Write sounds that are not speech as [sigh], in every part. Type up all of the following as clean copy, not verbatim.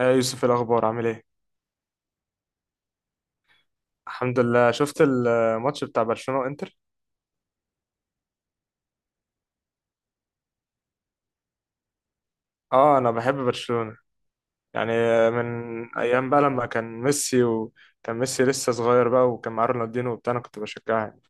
يا يوسف، إيه الاخبار؟ عامل ايه؟ الحمد لله. شفت الماتش بتاع برشلونة وانتر. اه، انا بحب برشلونة، يعني من ايام بقى لما كان ميسي، وكان ميسي لسه صغير بقى، وكان معاه رونالدينو وبتاع. انا كنت بشجعها يعني.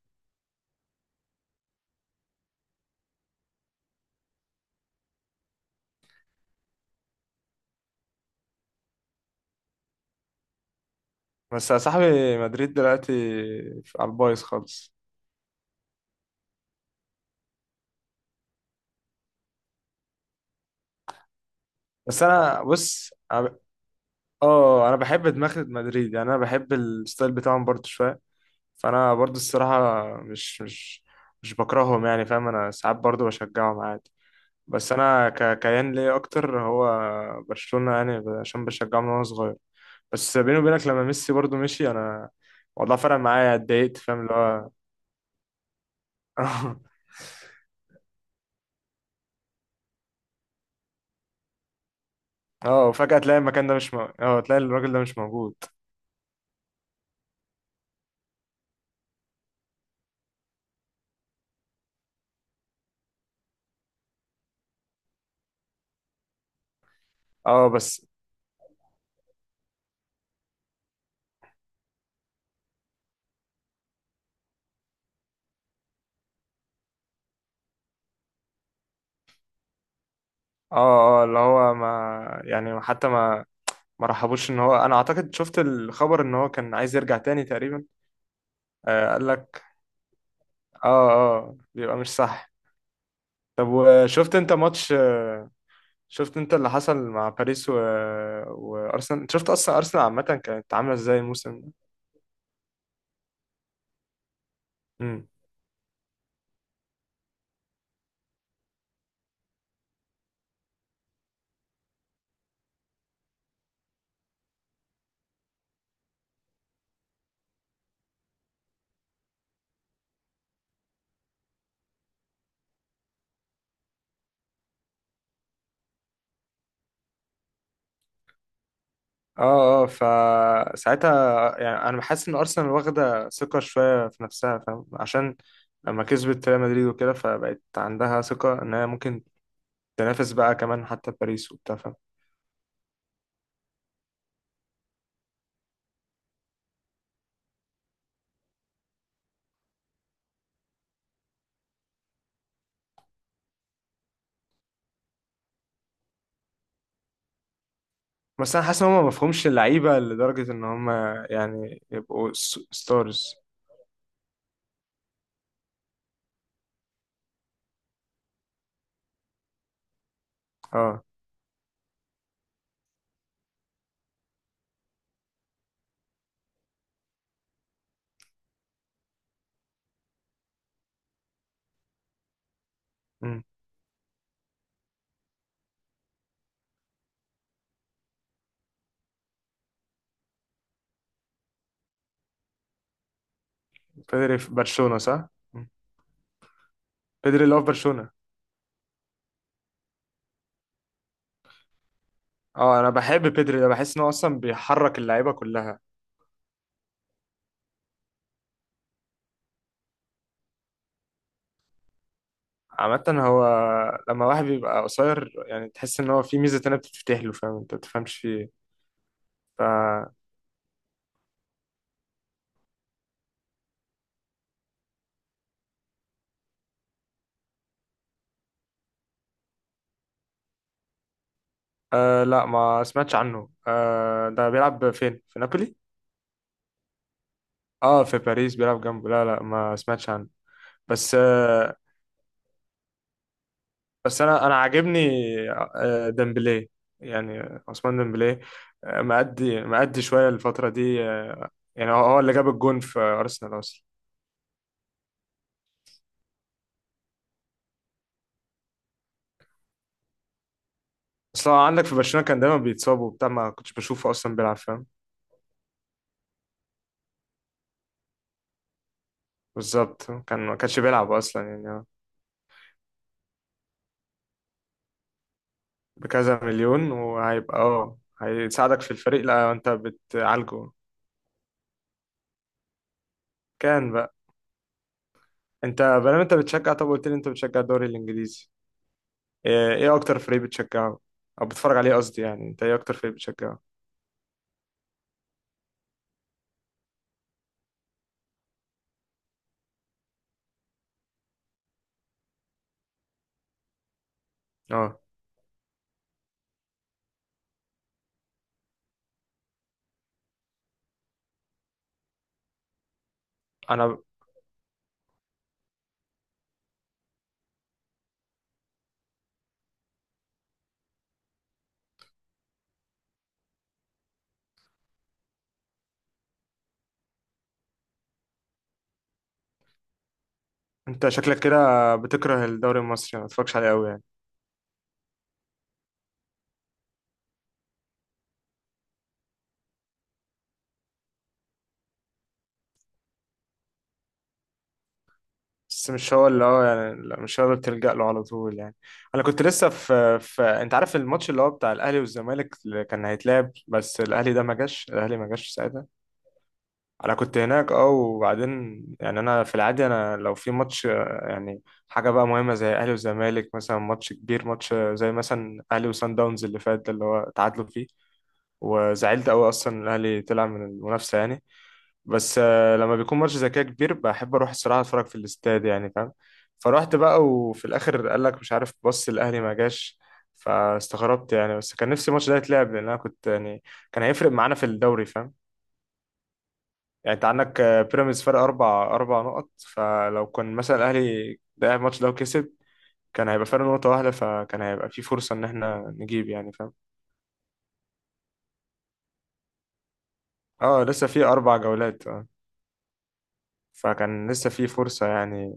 بس يا صاحبي مدريد دلوقتي على البايظ خالص. بس انا بص، اه، انا بحب دماغ مدريد، يعني انا بحب الستايل بتاعهم برضو شوية. فانا برضو الصراحة مش مش بكرههم يعني، فاهم. انا ساعات برضو بشجعهم عادي. بس انا كيان ليا اكتر هو برشلونة، يعني عشان بشجعه من وانا صغير. بس بيني وبينك لما ميسي برضو مشي، انا والله فرق معايا، اتضايقت، فاهم اللي هو. [laughs] اه، وفجأة تلاقي المكان ده مش مو... اه تلاقي الراجل ده مش موجود. اه، بس. اه، اه، اللي هو، ما يعني حتى ما رحبوش ان هو، انا اعتقد شفت الخبر ان هو كان عايز يرجع تاني تقريبا. آه، قال لك. اه، اه، بيبقى مش صح. طب وشفت انت ماتش شفت انت اللي حصل مع باريس و... وارسنال؟ انت شفت اصلا ارسنال عامه كانت عامله ازاي الموسم ده؟ امم. اه، اه، فساعتها يعني انا بحس ان ارسنال واخده ثقه شويه في نفسها، فاهم، عشان لما كسبت ريال مدريد وكده، فبقت عندها ثقه ان هي ممكن تنافس بقى كمان حتى باريس وبتاع، فاهم. بس انا حاسس ان هم مفهومش اللعيبه لدرجه ان هم، يعني، يبقوا ستارز. اه، امم. بيدري في برشلونه صح؟ مم. بيدري اللي هو في برشلونه. اه، انا بحب بيدري ده، بحس ان هو اصلا بيحرك اللعيبه كلها. عامه هو، لما واحد بيبقى قصير يعني تحس ان هو في ميزه تانية بتتفتح له، فاهم، انت ما تفهمش فيه ايه. ف آه، لا، ما سمعتش عنه. ده بيلعب فين، في نابولي؟ اه، في باريس بيلعب جنبه، لا، لا، ما سمعتش عنه. بس آه بس انا عاجبني، ديمبلي، يعني عثمان ديمبلي. مأدي مأدي شويه الفتره دي، يعني هو هو اللي جاب الجون في ارسنال اصلا. اصلا عندك في برشلونة كان دايما بيتصاب وبتاع، ما كنتش بشوفه اصلا بيلعب، فاهم. بالظبط كان، ما كانش بيلعب اصلا يعني، بكذا مليون وهيبقى هيساعدك في الفريق، لا انت بتعالجه. كان بقى. انت بقى، انت بتشجع، طب قلت لي انت بتشجع الدوري الانجليزي. ايه اكتر فريق بتشجعه، او بتتفرج عليه قصدي، يعني انت ايه اكتر فريق بتشجعه؟ اه انا انت شكلك كده بتكره الدوري المصري، ما بتتفرجش عليه قوي يعني. بس مش هو، اللي هو يعني، لا، مش هو اللي بتلجأ له على طول يعني. انا كنت لسه في، انت عارف الماتش اللي هو بتاع الاهلي والزمالك اللي كان هيتلعب، بس الاهلي ده ما جاش، الاهلي ما جاش ساعتها. انا كنت هناك. اه وبعدين يعني انا في العادي، انا لو في ماتش، يعني حاجه بقى مهمه زي اهلي وزمالك مثلا، ماتش كبير، ماتش زي مثلا اهلي وسان داونز اللي فات ده اللي هو تعادلوا فيه. وزعلت قوي اصلا ان الاهلي طلع من المنافسه يعني. بس، لما بيكون ماتش زي كده كبير، بحب اروح الصراحه اتفرج في الاستاد يعني، فاهم. فرحت بقى، وفي الاخر قال لك مش عارف، بص الاهلي ما جاش. فاستغربت يعني، بس كان نفسي الماتش ده يتلعب لان انا كنت يعني كان هيفرق معانا في الدوري، فاهم. يعني انت عندك بيراميدز فرق اربع نقط، فلو كان مثلا الاهلي ده الماتش ده وكسب، كان هيبقى فرق نقطه واحده، فكان هيبقى في فرصه ان احنا نجيب يعني، فاهم. اه، لسه في اربع جولات. فكان لسه في فرصة يعني.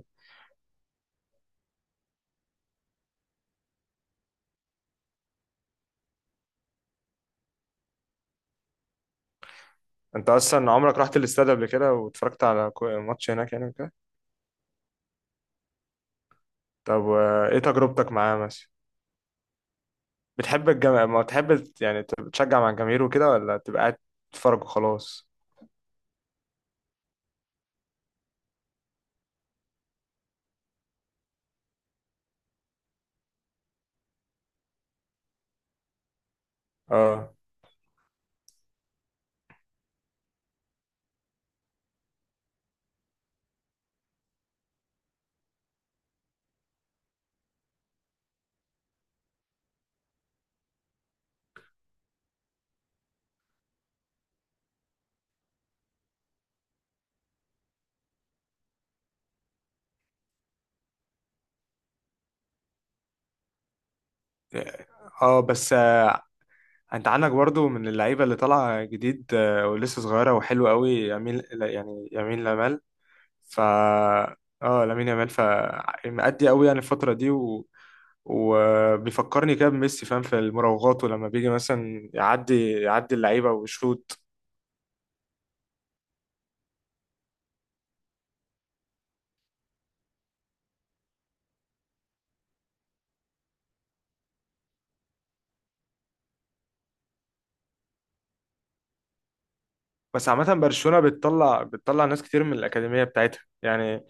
انت اصلا عمرك رحت الاستاد قبل كده واتفرجت على ماتش هناك يعني كده؟ طب و- ايه تجربتك معاه مثلا؟ بتحب ما بتحب يعني تشجع مع الجماهير وكده، ولا تبقى قاعد تتفرج وخلاص؟ اه، اه، بس، انت عندك برضو من اللعيبة اللي طالعة جديد، ولسه صغيرة وحلوة قوي، يمين يعني يمين لمال. ف اه، لامين يامال. مأدي قوي يعني الفترة دي، و... وبيفكرني كده بميسي، فاهم، في المراوغات، ولما بيجي مثلا يعدي يعدي اللعيبة ويشوط. بس عامة برشلونة بتطلع ناس كتير من الأكاديمية بتاعتها يعني.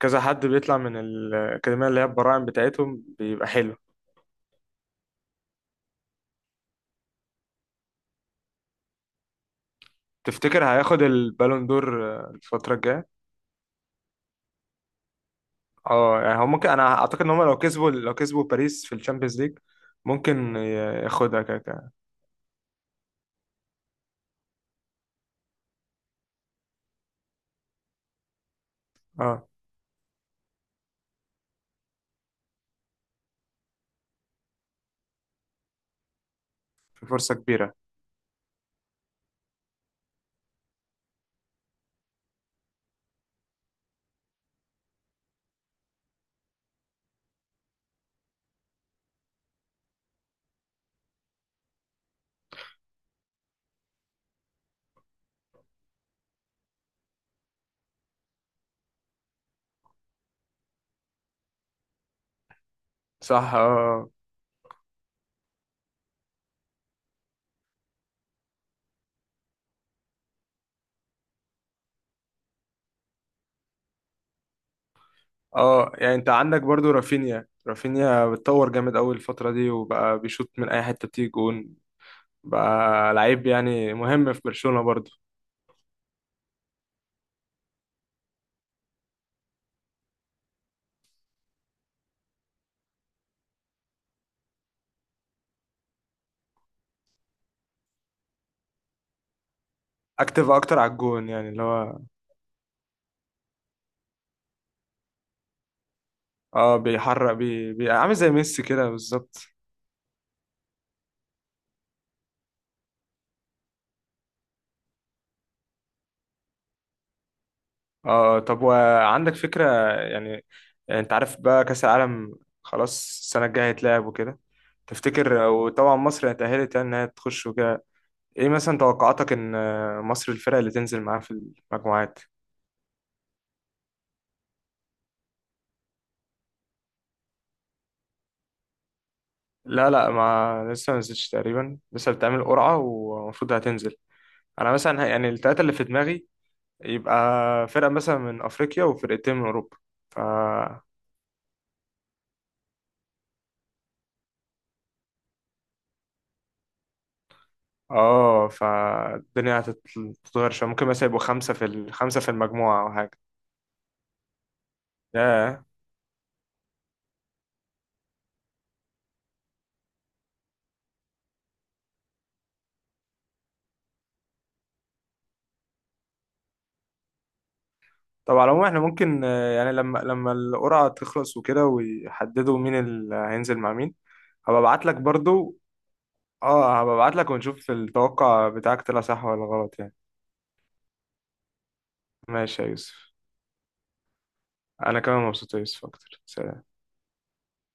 كذا حد بيطلع من الأكاديمية اللي هي البراعم بتاعتهم بيبقى حلو. تفتكر هياخد البالون دور، الفترة الجاية؟ اه، يعني هو ممكن، انا اعتقد ان هم لو كسبوا، باريس في الشامبيونز ليج. ممكن ياخدها كده كده. اه، في فرصة كبيرة. صح، اه. اه، يعني انت عندك برضو رافينيا، بتطور جامد قوي الفترة دي، وبقى بيشوط من اي حتة بتيجي جون، بقى لعيب يعني مهم في برشلونة برضو. اكتر على الجون يعني اللي هو. اه، بيحرق، بي عامل زي ميسي كده بالظبط. اه، طب وعندك فكرة؟ يعني، انت عارف بقى كأس العالم، خلاص، السنة الجاية هيتلعب وكده. تفتكر، وطبعا مصر اتأهلت يعني انها تخش وكده، ايه مثلا توقعاتك ان مصر، الفرق اللي تنزل معاها في المجموعات؟ لا، لا، ما لسه ما نزلتش تقريبا، لسه بتعمل قرعة ومفروض هتنزل. انا مثلا يعني التلاتة اللي في دماغي يبقى فرقة مثلا من افريقيا وفرقتين من اوروبا. ف اه، فالدنيا هتتغير شوية، ممكن مثلا يبقوا خمسة في خمسة في المجموعة او حاجة. ياه. طب على العموم احنا ممكن، يعني لما القرعة تخلص وكده، ويحددوا مين اللي هينزل مع مين، هبقى ابعت لك برضو. اه، هبقى ابعت لك ونشوف التوقع بتاعك طلع صح ولا غلط يعني. ماشي يا يوسف. انا كمان مبسوط يا يوسف اكتر، سلام.